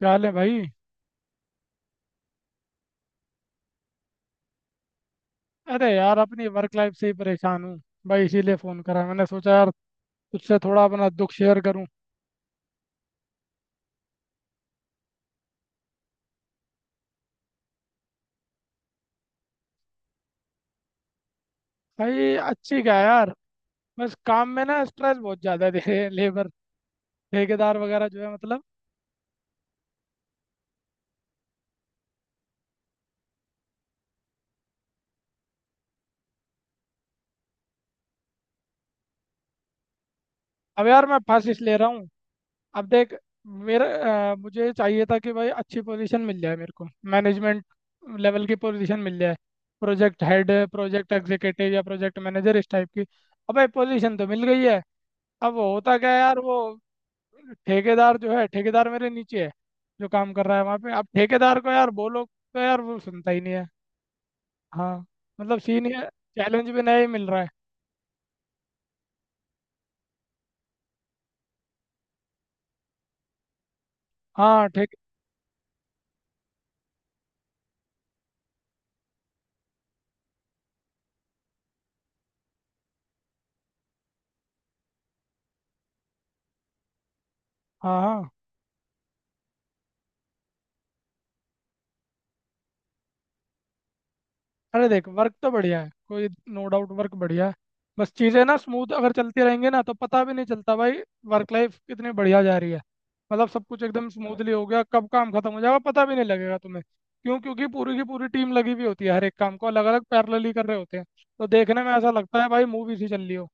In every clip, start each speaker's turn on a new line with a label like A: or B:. A: क्या हाल है भाई। अरे यार अपनी वर्क लाइफ से ही परेशान हूँ। भाई इसीलिए फ़ोन करा, मैंने सोचा यार तुझसे थोड़ा अपना दुख शेयर करूँ। भाई अच्छी क्या है यार। बस काम में ना स्ट्रेस बहुत ज़्यादा दे। लेबर, ठेकेदार वगैरह जो है मतलब। अब यार मैं फंस इस ले रहा हूँ। अब देख मेरा, मुझे चाहिए था कि भाई अच्छी पोजीशन मिल जाए मेरे को। मैनेजमेंट लेवल की पोजीशन मिल जाए। प्रोजेक्ट हेड, प्रोजेक्ट एग्जीक्यूटिव या प्रोजेक्ट मैनेजर, इस टाइप की। अब भाई पोजीशन तो मिल गई है। अब वो होता क्या है यार, वो ठेकेदार जो है, ठेकेदार मेरे नीचे है। जो काम कर रहा है वहाँ पे, अब ठेकेदार को यार बोलो तो यार वो सुनता ही नहीं है। हाँ। मतलब सीन ये। चैलेंज भी नया ही मिल रहा है। हाँ, ठीक। हाँ हाँ। अरे देख वर्क तो बढ़िया है, कोई नो डाउट, वर्क बढ़िया है। बस चीज़ें ना स्मूथ अगर चलती रहेंगी ना तो पता भी नहीं चलता भाई वर्क लाइफ कितनी बढ़िया जा रही है। मतलब सब कुछ एकदम स्मूथली हो गया, कब काम खत्म हो जाएगा पता भी नहीं लगेगा तुम्हें। क्यों? क्योंकि पूरी की पूरी टीम लगी हुई होती है, हर एक काम को अलग अलग पैरेलली कर रहे होते हैं। तो देखने में ऐसा लगता है भाई मूवी सी चल रही हो।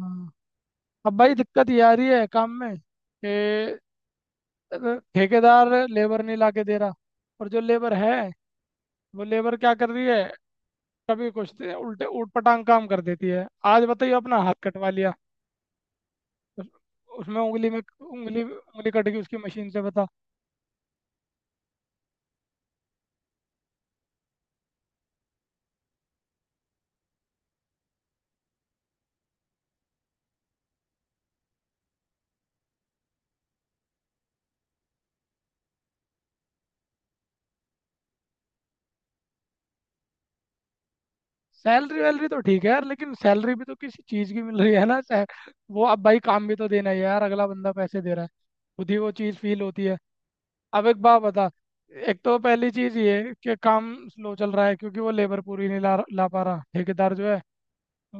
A: हाँ। अब भाई दिक्कत ये आ रही है काम में कि अगर ठेकेदार लेबर नहीं लाके दे रहा, और जो लेबर है वो लेबर क्या कर रही है, कभी कुछ दे- उल्टे ऊट पटांग काम कर देती है। आज बताइए अपना हाथ कटवा लिया। उस- उसमें उंगली में उंगली उंगली कट गई उसकी, मशीन से, बता। सैलरी वैलरी तो ठीक है यार, लेकिन सैलरी भी तो किसी चीज़ की मिल रही है ना। वो अब भाई काम भी तो देना ही है यार, अगला बंदा पैसे दे रहा है, खुद ही वो चीज़ फील होती है। अब एक बात बता। एक तो पहली चीज ये है कि काम स्लो चल रहा है क्योंकि वो लेबर पूरी नहीं ला ला पा रहा ठेकेदार जो है।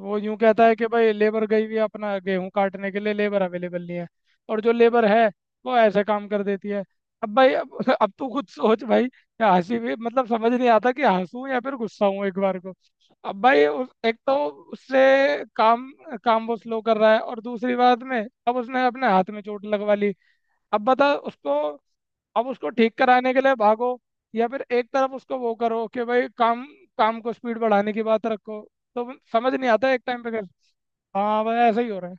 A: वो यूं कहता है कि भाई लेबर गई हुई है अपना गेहूं काटने के लिए, लेबर अवेलेबल नहीं है। और जो लेबर है वो ऐसे काम कर देती है। अब तू खुद सोच भाई कि हंसी भी, मतलब समझ नहीं आता कि हंसूं या फिर गुस्सा हूं एक बार को। एक तो उससे काम, वो स्लो कर रहा है और दूसरी बात में अब उसने अपने हाथ में चोट लगवा ली। अब बता उसको, अब उसको ठीक कराने के लिए भागो, या फिर एक तरफ उसको वो करो कि भाई काम, को स्पीड बढ़ाने की बात रखो। तो वो समझ नहीं आता एक टाइम पे कर। हाँ भाई ऐसा ही हो रहा है।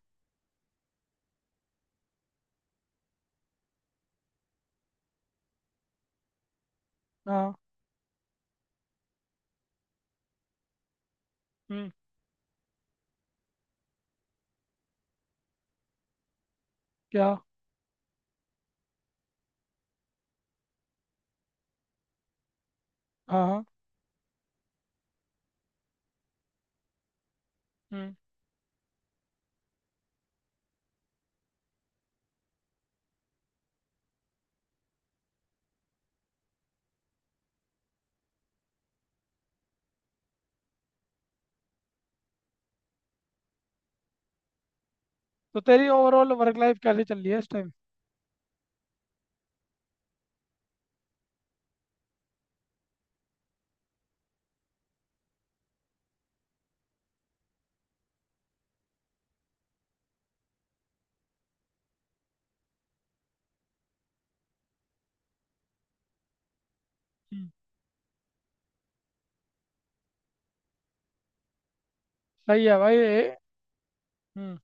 A: हाँ। हम्म। क्या? हाँ हाँ। हम्म। तो तेरी ओवरऑल वर्क लाइफ कैसे चल रही है इस टाइम? हम्म। सही है भाई हम्म।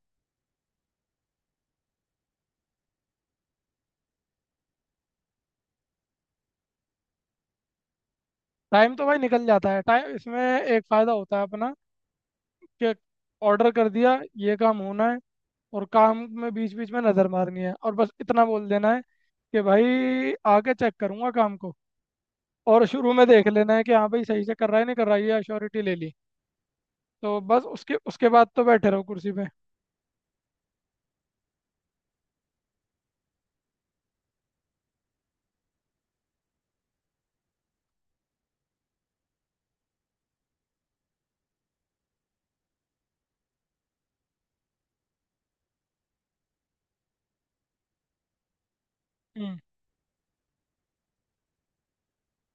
A: टाइम तो भाई निकल जाता है। टाइम, इसमें एक फ़ायदा होता है अपना कि ऑर्डर कर दिया, ये काम होना है, और काम में बीच बीच में नज़र मारनी है, और बस इतना बोल देना है कि भाई आके चेक करूंगा काम को। और शुरू में देख लेना है कि हाँ भाई सही से कर रहा है नहीं कर रहा है, ये अश्योरिटी ले ली। तो बस उसके उसके बाद तो बैठे रहो कुर्सी पे। हम्म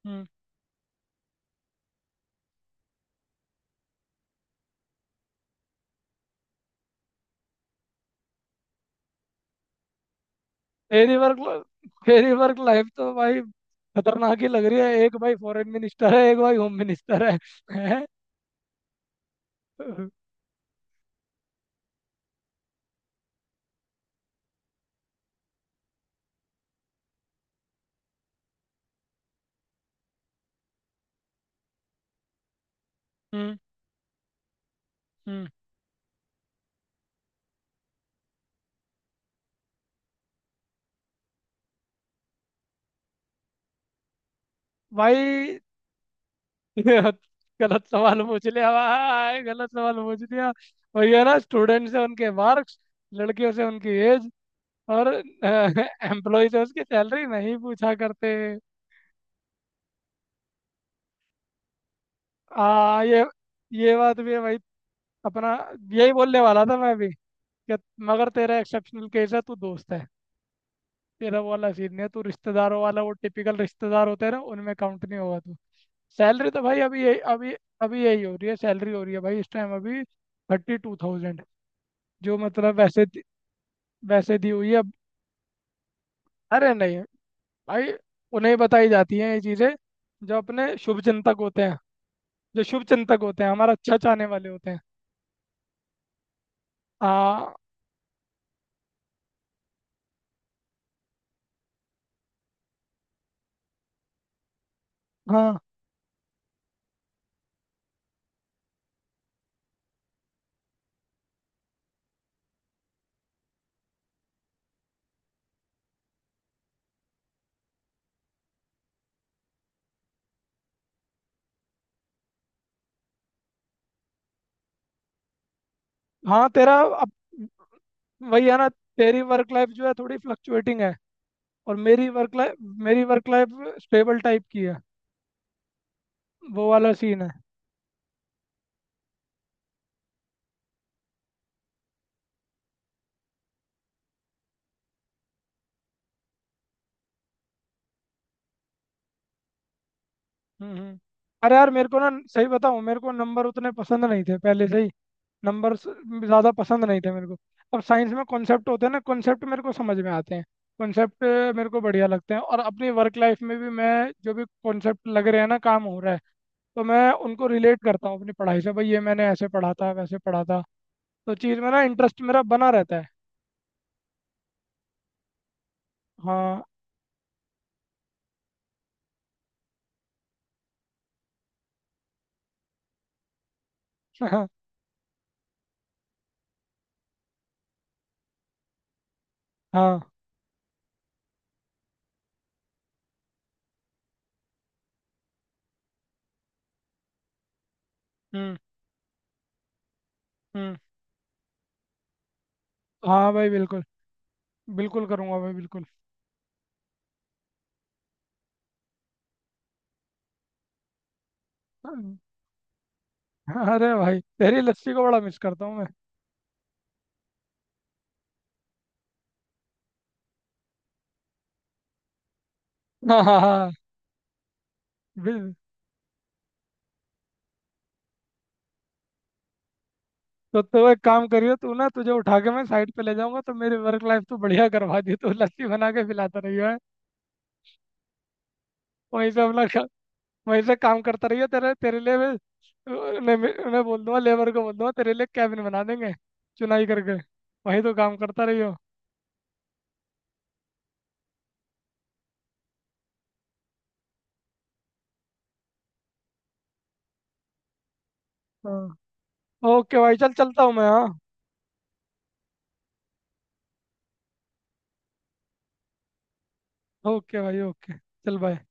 A: हम्म। मेरी वर्क मेरी वर्क लाइफ तो भाई खतरनाक ही लग रही है। एक भाई फॉरेन मिनिस्टर है, एक भाई होम मिनिस्टर है, है? हम्म। हम्म भाई। गलत सवाल पूछ लिया भाई, गलत सवाल पूछ लिया। वही है ना, स्टूडेंट से उनके मार्क्स, लड़कियों से उनकी एज, और एम्प्लॉय से उसकी सैलरी नहीं पूछा करते। हाँ ये बात भी है भाई। अपना यही बोलने वाला था मैं भी कि, मगर तेरा एक्सेप्शनल केस है, तू दोस्त है। तेरा वो वाला सीन नहीं है। तू रिश्तेदारों वाला, वो टिपिकल रिश्तेदार होते हैं ना उनमें काउंट नहीं होगा तू। सैलरी तो भाई अभी यही, अभी अभी यही हो रही है। सैलरी हो रही है भाई इस टाइम अभी 32,000। जो मतलब वैसे वैसे दी हुई है अब। अरे नहीं भाई, उन्हें बताई जाती हैं ये चीज़ें जो अपने शुभ चिंतक होते हैं, जो शुभ चिंतक होते हैं, हमारा अच्छा चाहने वाले होते हैं। आ, हाँ हाँ। तेरा अब वही है ना, तेरी वर्क लाइफ जो है थोड़ी फ्लक्चुएटिंग है, और मेरी वर्क लाइफ, मेरी वर्क लाइफ स्टेबल टाइप की है। वो वाला सीन है। हम्म। हम्म। अरे यार मेरे को ना सही बताऊं, मेरे को नंबर उतने पसंद नहीं थे पहले से ही। नंबर ज़्यादा पसंद नहीं थे मेरे को। अब साइंस में कॉन्सेप्ट होते हैं ना, कॉन्सेप्ट मेरे को समझ में आते हैं। कॉन्सेप्ट मेरे को बढ़िया लगते हैं, और अपनी वर्क लाइफ में भी मैं जो भी कॉन्सेप्ट लग रहे हैं ना काम हो रहा है तो मैं उनको रिलेट करता हूँ अपनी पढ़ाई से, भाई ये मैंने ऐसे पढ़ा था, वैसे पढ़ा था। तो चीज़ में ना इंटरेस्ट मेरा बना रहता है। हाँ। हाँ हाँ। हम्म हम्म। हाँ भाई बिल्कुल, बिल्कुल करूँगा भाई, बिल्कुल। अरे भाई तेरी लस्सी को बड़ा मिस करता हूँ मैं। हाँ हाँ हाँ। बिल- तो तू एक काम करियो, तू ना, तुझे उठा के मैं साइड पे ले जाऊंगा, तो मेरी वर्क लाइफ तो बढ़िया करवा दी, तू लस्सी बना के पिलाता रहियो है। वहीं से अपना वहीं से काम करता रहियो। तेरे तेरे लिए मैं उन्हें उन्हें बोल दूंगा, लेबर को बोल दूंगा तेरे लिए कैबिन बना देंगे, चुनाई करके, वहीं तो काम करता रहियो। हाँ ओके भाई, चल चलता हूँ मैं। हाँ ओके भाई ओके, चल बाय।